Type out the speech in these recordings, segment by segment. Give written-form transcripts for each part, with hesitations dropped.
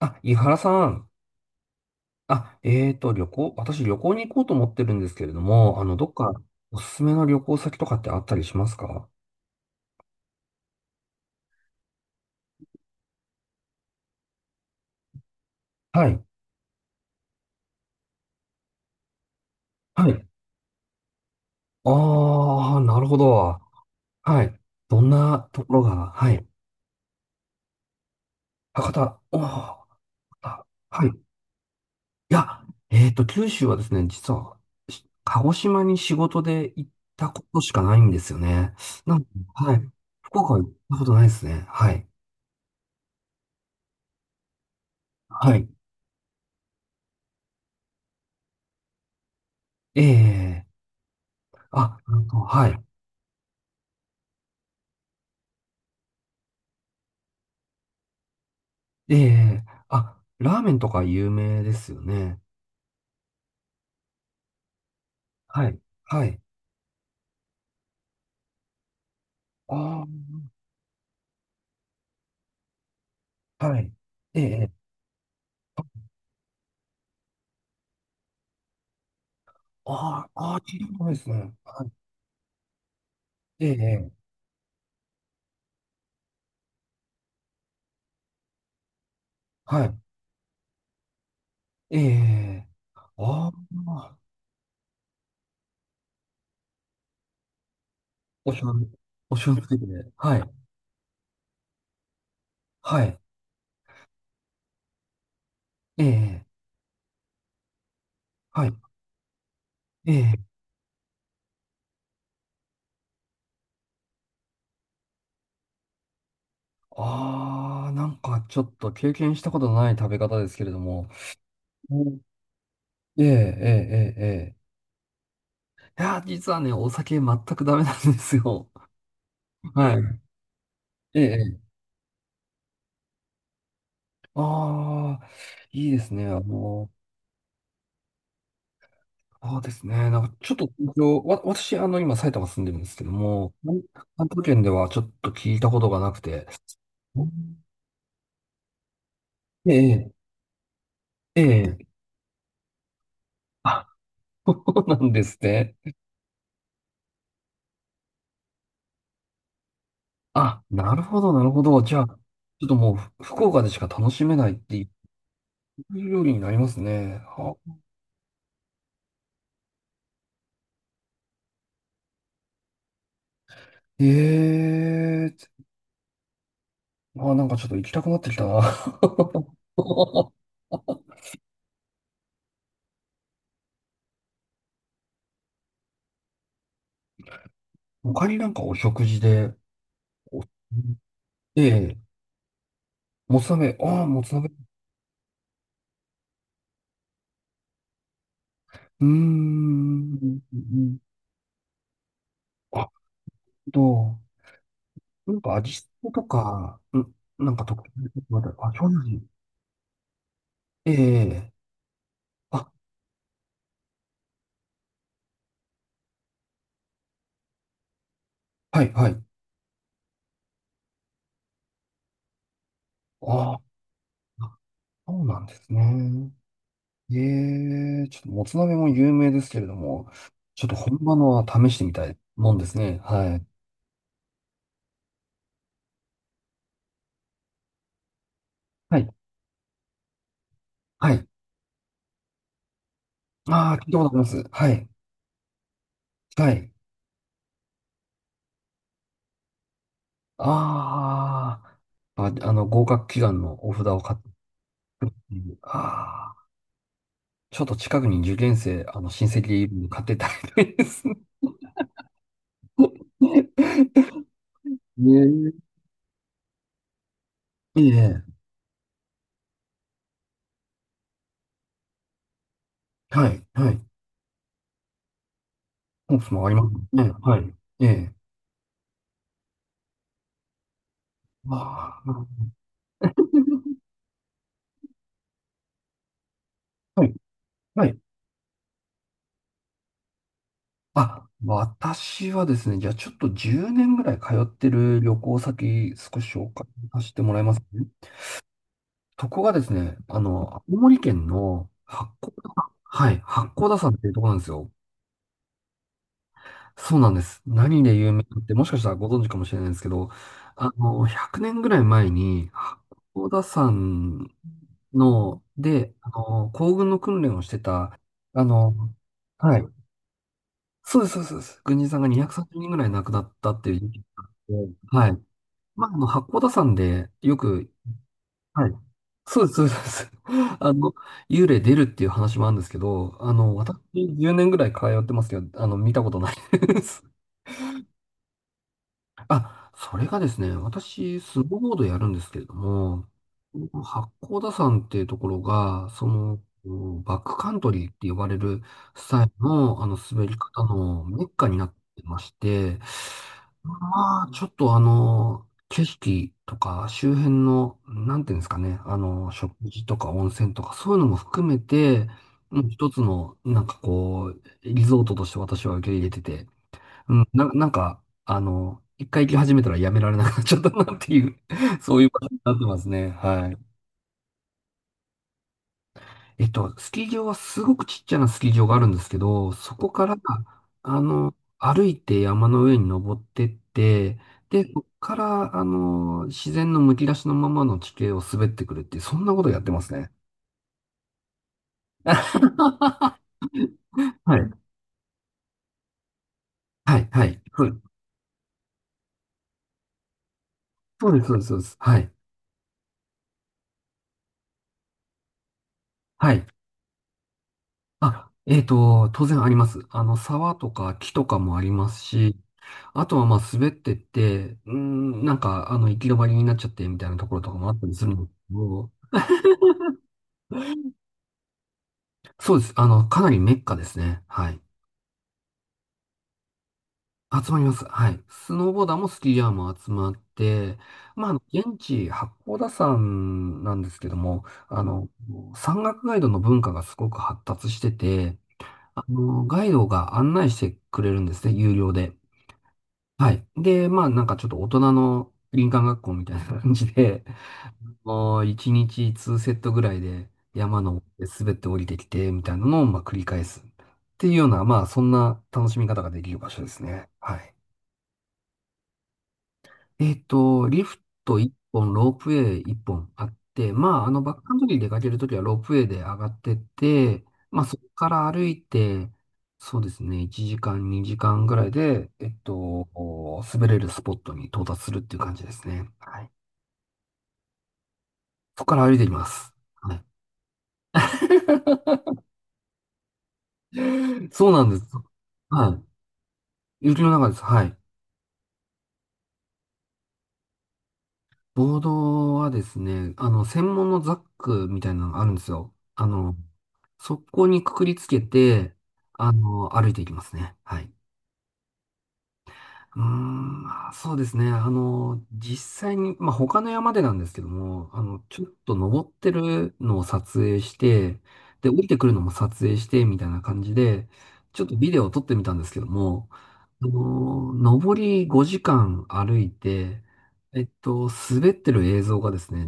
あ、井原さん。旅行、私旅行に行こうと思ってるんですけれども、あの、どっかおすすめの旅行先とかってあったりしますか？はい。はい。あー、なるほど。はい。どんなところが、はい。博多。おー、博多。はい。いや、九州はですね、実は、鹿児島に仕事で行ったことしかないんですよね。なん、はい。福岡は行ったことないですね。はい。はい。ええ、あ、なんか、はい。ええ、あ、ラーメンとか有名ですよね。はい。はい。ああ、はい。ええ、ああ、ああ、聞いたことないですね。はい。ええ、はい。ええ、ああ、お醤油、お醤油ついてて。はい。はい。ええ、はい。ええ、ああ、なんかちょっと経験したことのない食べ方ですけれども。うん、ええ、ええ、ええ、ええ。いや、実はね、お酒全くダメなんですよ。はい。ええ、ああ、いいですね。あの、ああですね。なんかちょっと、私、あの、今、埼玉住んでるんですけども、関東圏ではちょっと聞いたことがなくて。うん、ええ、ええ、あ、そうなんですね。あ、なるほど、なるほど。じゃあ、ちょっともう、福岡でしか楽しめないっていう料理になりますね。あ、ええ、あ、なんかちょっと行きたくなってきたな。他になんかお食事で、ええ、もつ鍋、ああ、もつ鍋。うーん。うん、うん、あと、なんか味付けとか、うん、なんか特別なことまで、あ、醤油味。ええ、あ、はい、はい。ああ、そうなんですね。ええ、ちょっともつ鍋も有名ですけれども、ちょっと本場のは試してみたいもんですね。はい。はい。はい。ああ、聞いたことあります。はい。はい。ああ、あ、あの、合格祈願のお札を買って、ああ。ちょっと近くに受験生、あの、親戚いるんで買ってたみいです。ね、え。ええ。はい、はい。コンプスもありますね。はい。ええ。まあ、はい、はい。あ、私はですね、じゃあちょっと10年ぐらい通ってる旅行先、少し紹介させてもらいますね。そこがですね、あの、青森県の八甲、はい、八甲田山っていうところなんですよ。そうなんです。何で有名かって、もしかしたらご存知かもしれないんですけど、あの、100年ぐらい前に、八甲田山の、で、あの、行軍の訓練をしてた、あの、はい。そうです、そうです。そうです軍人さんが230人ぐらい亡くなったっていう事件があって、はい。まあ、あの、八甲田山でよく、はい。そうです、そうです。そうです あの、幽霊出るっていう話もあるんですけど、あの、私10年ぐらい通ってますけど、あの、見たことないです。あ、それがですね、私、スノーボードやるんですけれども、八甲田山っていうところが、その、バックカントリーって呼ばれるスタイルの、あの、滑り方のメッカになってまして、まあ、ちょっとあの、景色とか周辺の、なんていうんですかね、あの、食事とか温泉とかそういうのも含めて、うん、一つの、なんかこう、リゾートとして私は受け入れてて、うん、なんか、あの、一回行き始めたらやめられなくなっちゃったなっていう、 そういう場所になってますね。はい。えっと、スキー場はすごくちっちゃなスキー場があるんですけど、そこから、あの、歩いて山の上に登ってって、で、そこから、あの、自然のむき出しのままの地形を滑ってくるっていう、そんなことやってますね。はい。はい、はい。そうそうです、そうです。はい。はい。あ、えっと、当然あります。あの、沢とか木とかもありますし、あとはまあ滑ってって、うーん、なんかあの行き止まりになっちゃってみたいなところとかもあったりするのを、そうです。あの、かなりメッカですね。はい。集まります。はい。スノーボーダーもスキーヤーも集まって、まあ、あの現地、八甲田山なんですけども、あの、山岳ガイドの文化がすごく発達してて、あの、ガイドが案内してくれるんですね、有料で。はい。で、まあなんかちょっと大人の林間学校みたいな感じで、もう1日2セットぐらいで山の滑って降りてきてみたいなのをまあ繰り返すっていうような、まあそんな楽しみ方ができる場所ですね。はい。えっと、リフト1本、ロープウェイ1本あって、まあ、あの、バックカントリー出かけるときはロープウェイで上がってって、まあ、そこから歩いて、そうですね、1時間、2時間ぐらいで、えっと、滑れるスポットに到達するっていう感じですね。はい。そこから歩いていきます。はい。そうなんです。はい。雪の中です。はい。ボードはですね、あの、専門のザックみたいなのがあるんですよ。あの、そこにくくりつけて、あの、歩いていきますね。はい。うーん、まあそうですね。あの、実際に、まあ、他の山でなんですけども、あの、ちょっと登ってるのを撮影して、で、降りてくるのも撮影して、みたいな感じで、ちょっとビデオを撮ってみたんですけども、あの、上り5時間歩いて、えっと、滑ってる映像がですね、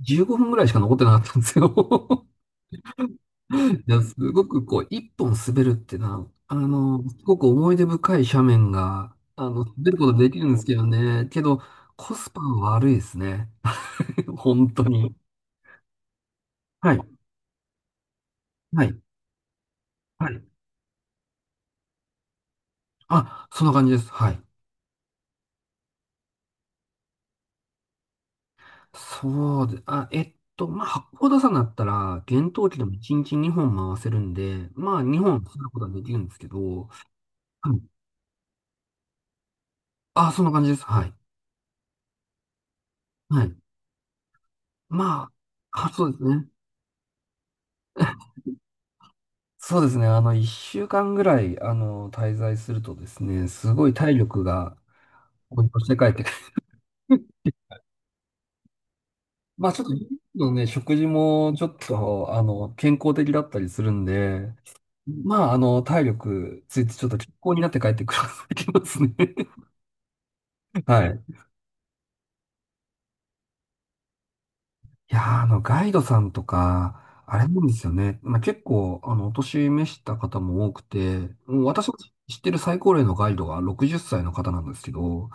15分ぐらいしか残ってなかったんですよ。いやすごくこう、一本滑るってな、あの、すごく思い出深い斜面が、あの、滑ることできるんですけどね、けど、コスパは悪いですね。本当に。はい。はい。はい。あ、そんな感じです。はい。そうで、あ、えっと、まあ、八甲田山だったら、厳冬期でも1日2本回せるんで、まあ、2本することはできるんですけど、はい。あ、そんな感じです。はい。はい。まあ、あ、そうですね。そうですね。あの、1週間ぐらい、あの、滞在するとですね、すごい体力が、こうして帰って、まあ、ちょっと、のね、食事も、ちょっと、あの、健康的だったりするんで、まあ、あの、体力ついて、ちょっと健康になって帰ってくるきますね。はい。いやー、あの、ガイドさんとか、あれなんですよね。まあ、結構、あの、お年召した方も多くて、もう私の知ってる最高齢のガイドが60歳の方なんですけど、も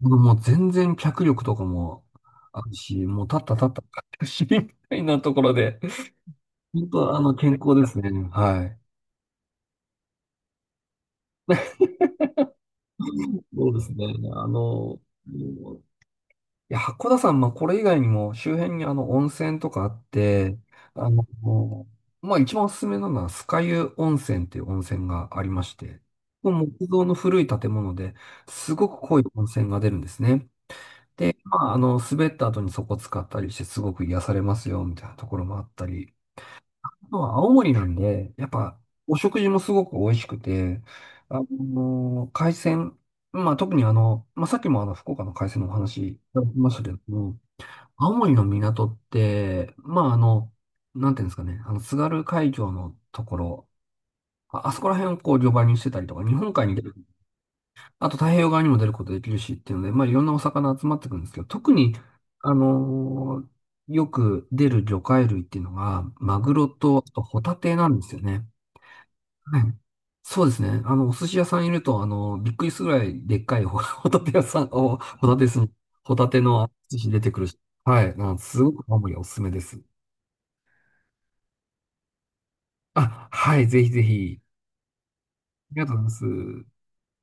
うもう全然脚力とかもあるし、もう立った立った立ったし、みたいなところで、本当、あの、健康ですね。はい。そうですね。あの、ういや、八甲田山、まあ、これ以外にも周辺にあの温泉とかあって、あの、まあ、一番おすすめなのは酸ヶ湯温泉っていう温泉がありまして、ここ木造の古い建物ですごく濃い温泉が出るんですね。で、まあ、あの、滑った後にそこ使ったりしてすごく癒されますよ、みたいなところもあったり、あとは青森なんで、やっぱお食事もすごく美味しくて、あの、海鮮、まあ、特にあの、まあ、さっきもあの、福岡の海鮮のお話いただきましたけども、青森の港って、まあ、あの、なんていうんですかね、あの、津軽海峡のところ、あ、あそこら辺をこう、漁場にしてたりとか、日本海に出る、あと太平洋側にも出ることできるしっていうので、まあ、いろんなお魚集まってくるんですけど、特に、あのーよく出る魚介類っていうのが、マグロと、あとホタテなんですよね。はい。そうですね。あの、お寿司屋さんいると、あの、びっくりするぐらいでっかい、 ホタテ屋さん、お、ホタテす、ホタテの寿司出てくるし、はい。あのすごく青森はおすすめです。あ、はい、ぜひぜひ。ありがとうございます。